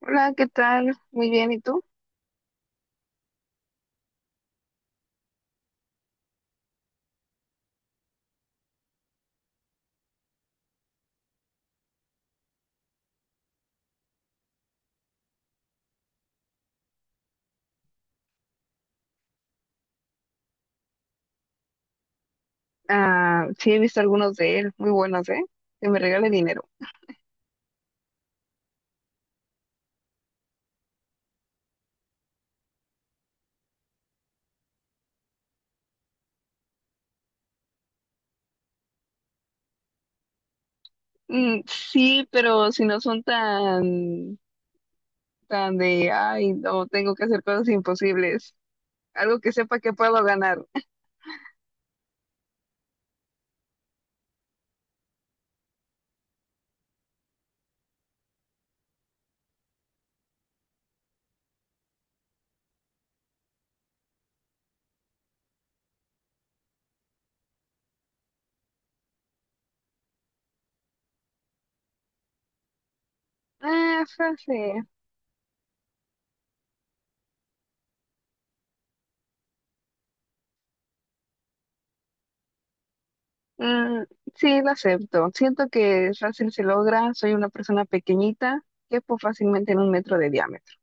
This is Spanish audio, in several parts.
Hola, ¿qué tal? Muy bien, ¿y tú? Ah, sí, he visto algunos de él, muy buenos, ¿eh? Que me regale dinero. Mm, sí, pero si no son tan de, ay, no, tengo que hacer cosas imposibles. Algo que sepa que puedo ganar. Ah, frase. Mm, sí, la acepto. Siento que fácil se logra. Soy una persona pequeñita, quepo fácilmente en un metro de diámetro.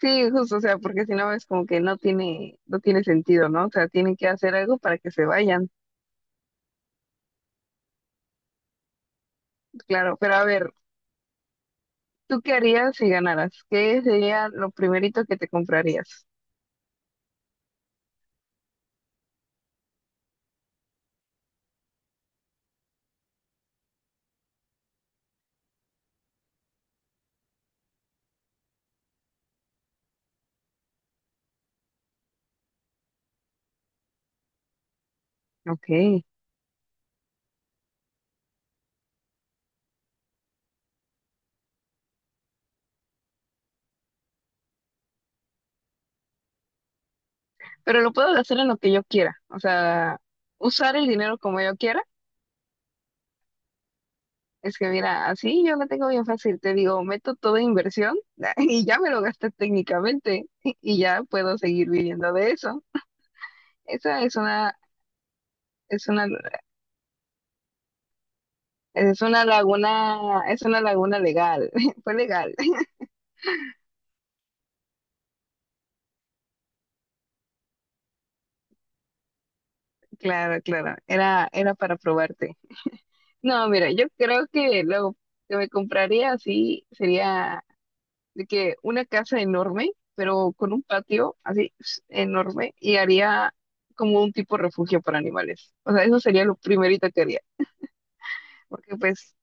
Sí, justo, o sea, porque si no es como que no tiene sentido, ¿no? O sea, tienen que hacer algo para que se vayan, claro. Pero a ver, ¿tú qué harías si ganaras? ¿Qué sería lo primerito que te comprarías? Ok, pero lo puedo hacer en lo que yo quiera, o sea, usar el dinero como yo quiera. Es que mira, así yo lo tengo bien fácil, te digo, meto toda inversión y ya me lo gasté técnicamente y ya puedo seguir viviendo de eso. Esa es una, es una Es una laguna legal, fue legal. Claro, claro, era para probarte. No, mira, yo creo que lo que me compraría así sería de que una casa enorme, pero con un patio así enorme y haría como un tipo refugio para animales. O sea, eso sería lo primerito que haría, porque pues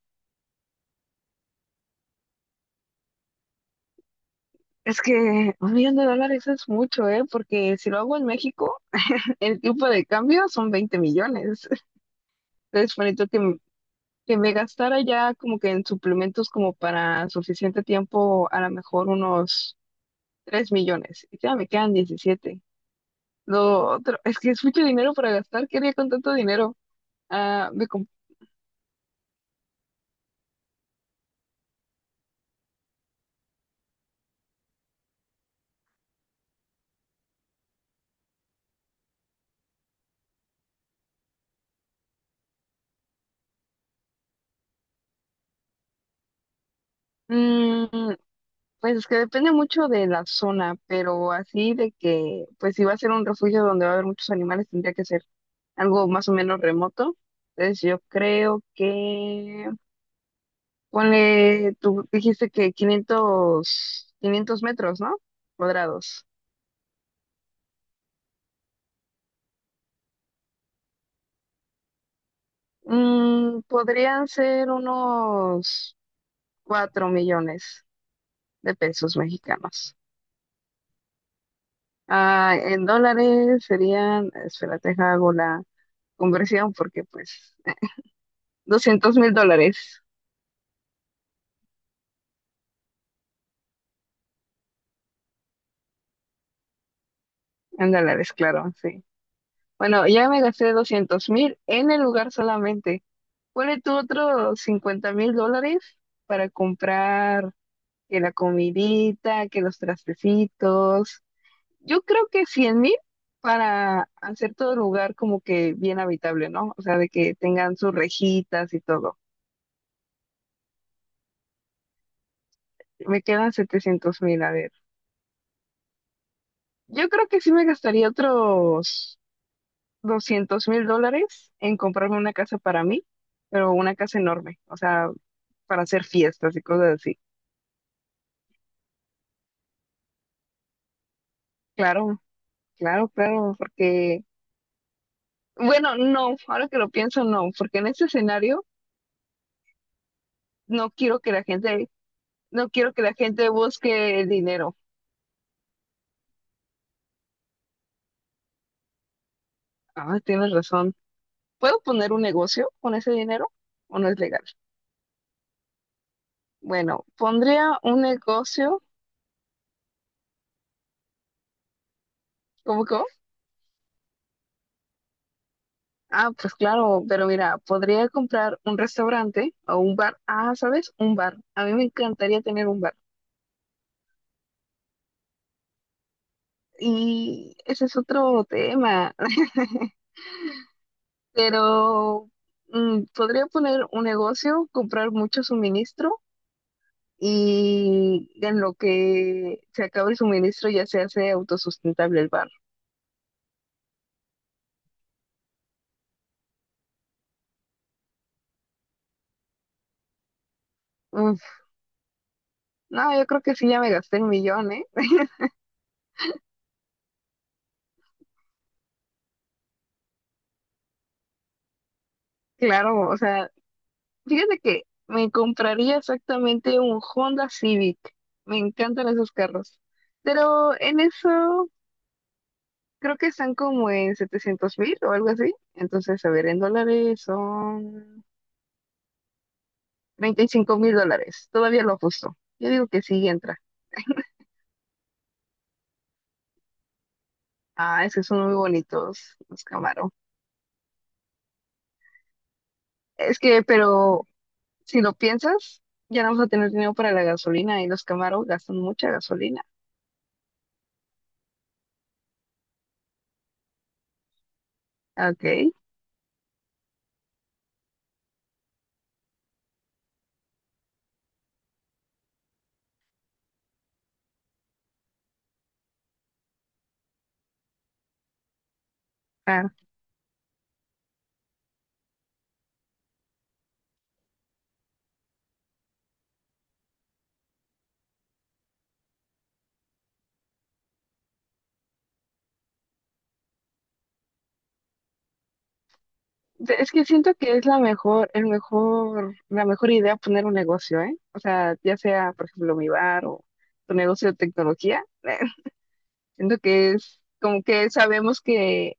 es que un millón de dólares es mucho, ¿eh? Porque si lo hago en México, el tipo de cambio son 20 millones. Entonces, bonito que me gastara ya como que en suplementos como para suficiente tiempo, a lo mejor unos 3 millones. Y ya me quedan 17. Lo otro, es que es mucho dinero para gastar. ¿Qué haría con tanto dinero? Ah, Mm, pues es que depende mucho de la zona, pero así de que, pues si va a ser un refugio donde va a haber muchos animales, tendría que ser algo más o menos remoto. Entonces yo creo que Ponle, tú dijiste que quinientos metros, ¿no? Cuadrados. Podrían ser unos 4 millones de pesos mexicanos. Ah, en dólares serían, espérate, hago la conversión porque pues $200.000. En dólares, claro, sí. Bueno, ya me gasté 200.000 en el lugar solamente. Ponle tú otros $50.000 para comprar. Que la comidita, que los trastecitos. Yo creo que 100.000 para hacer todo el lugar como que bien habitable, ¿no? O sea, de que tengan sus rejitas y todo. Me quedan 700.000, a ver. Yo creo que sí me gastaría otros $200.000 en comprarme una casa para mí, pero una casa enorme, o sea, para hacer fiestas y cosas así. Claro, claro, claro, porque, bueno, no, ahora que lo pienso, no, porque en este escenario no quiero que la gente No quiero que la gente busque el dinero. Ah, tienes razón. ¿Puedo poner un negocio con ese dinero o no es legal? Bueno, pondría un negocio. ¿Cómo? Ah, pues claro, pero mira, podría comprar un restaurante o un bar. Ah, ¿sabes? Un bar. A mí me encantaría tener un bar. Y ese es otro tema. Pero podría poner un negocio, comprar mucho suministro y en lo que se acaba el suministro ya se hace autosustentable el bar. Uf, no, yo creo que sí, ya me gasté el millón, ¿eh? Claro, o sea, fíjate que me compraría exactamente un Honda Civic. Me encantan esos carros. Pero en eso creo que están como en 700.000 o algo así. Entonces, a ver, en dólares son $35.000. Todavía lo justo. Yo digo que sí entra. Ah, es que son muy bonitos los Camaro. Es que, pero Si lo piensas, ya no vamos a tener dinero para la gasolina y los Camaro gastan mucha gasolina. Ok. Ah, es que siento que es la mejor idea poner un negocio, ¿eh? O sea, ya sea, por ejemplo, mi bar o tu negocio de tecnología. Siento que es como que sabemos que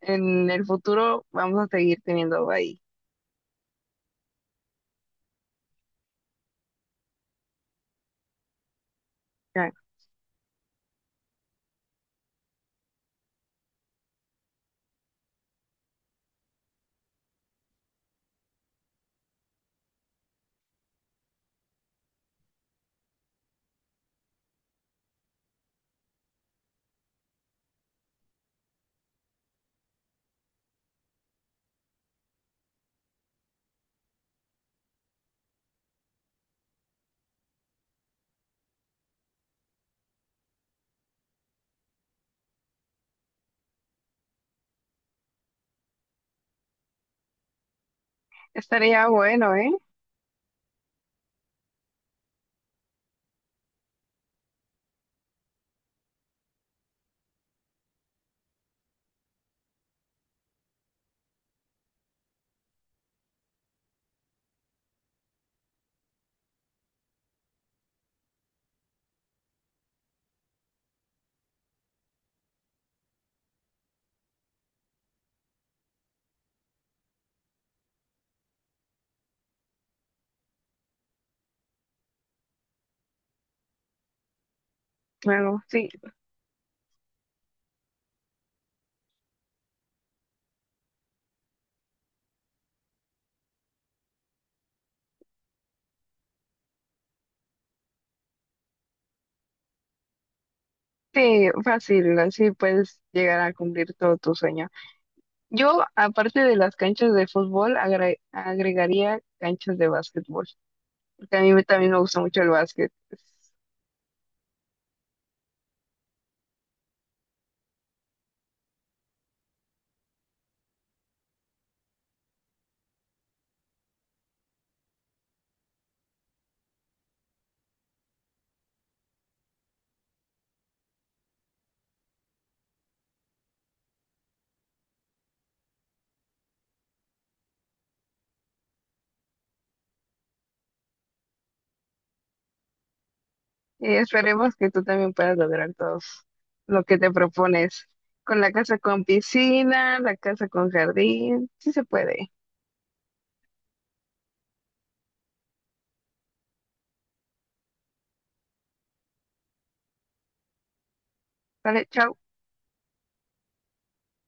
en el futuro vamos a seguir teniendo ahí. Ah, estaría bueno, ¿eh? Bueno, sí, sí, fácil, así puedes llegar a cumplir todo tu sueño. Yo, aparte de las canchas de fútbol, agregaría canchas de básquetbol, porque a mí también me gusta mucho el básquet. Y esperemos que tú también puedas lograr todo lo que te propones. Con la casa con piscina, la casa con jardín, sí se puede. Vale, chao.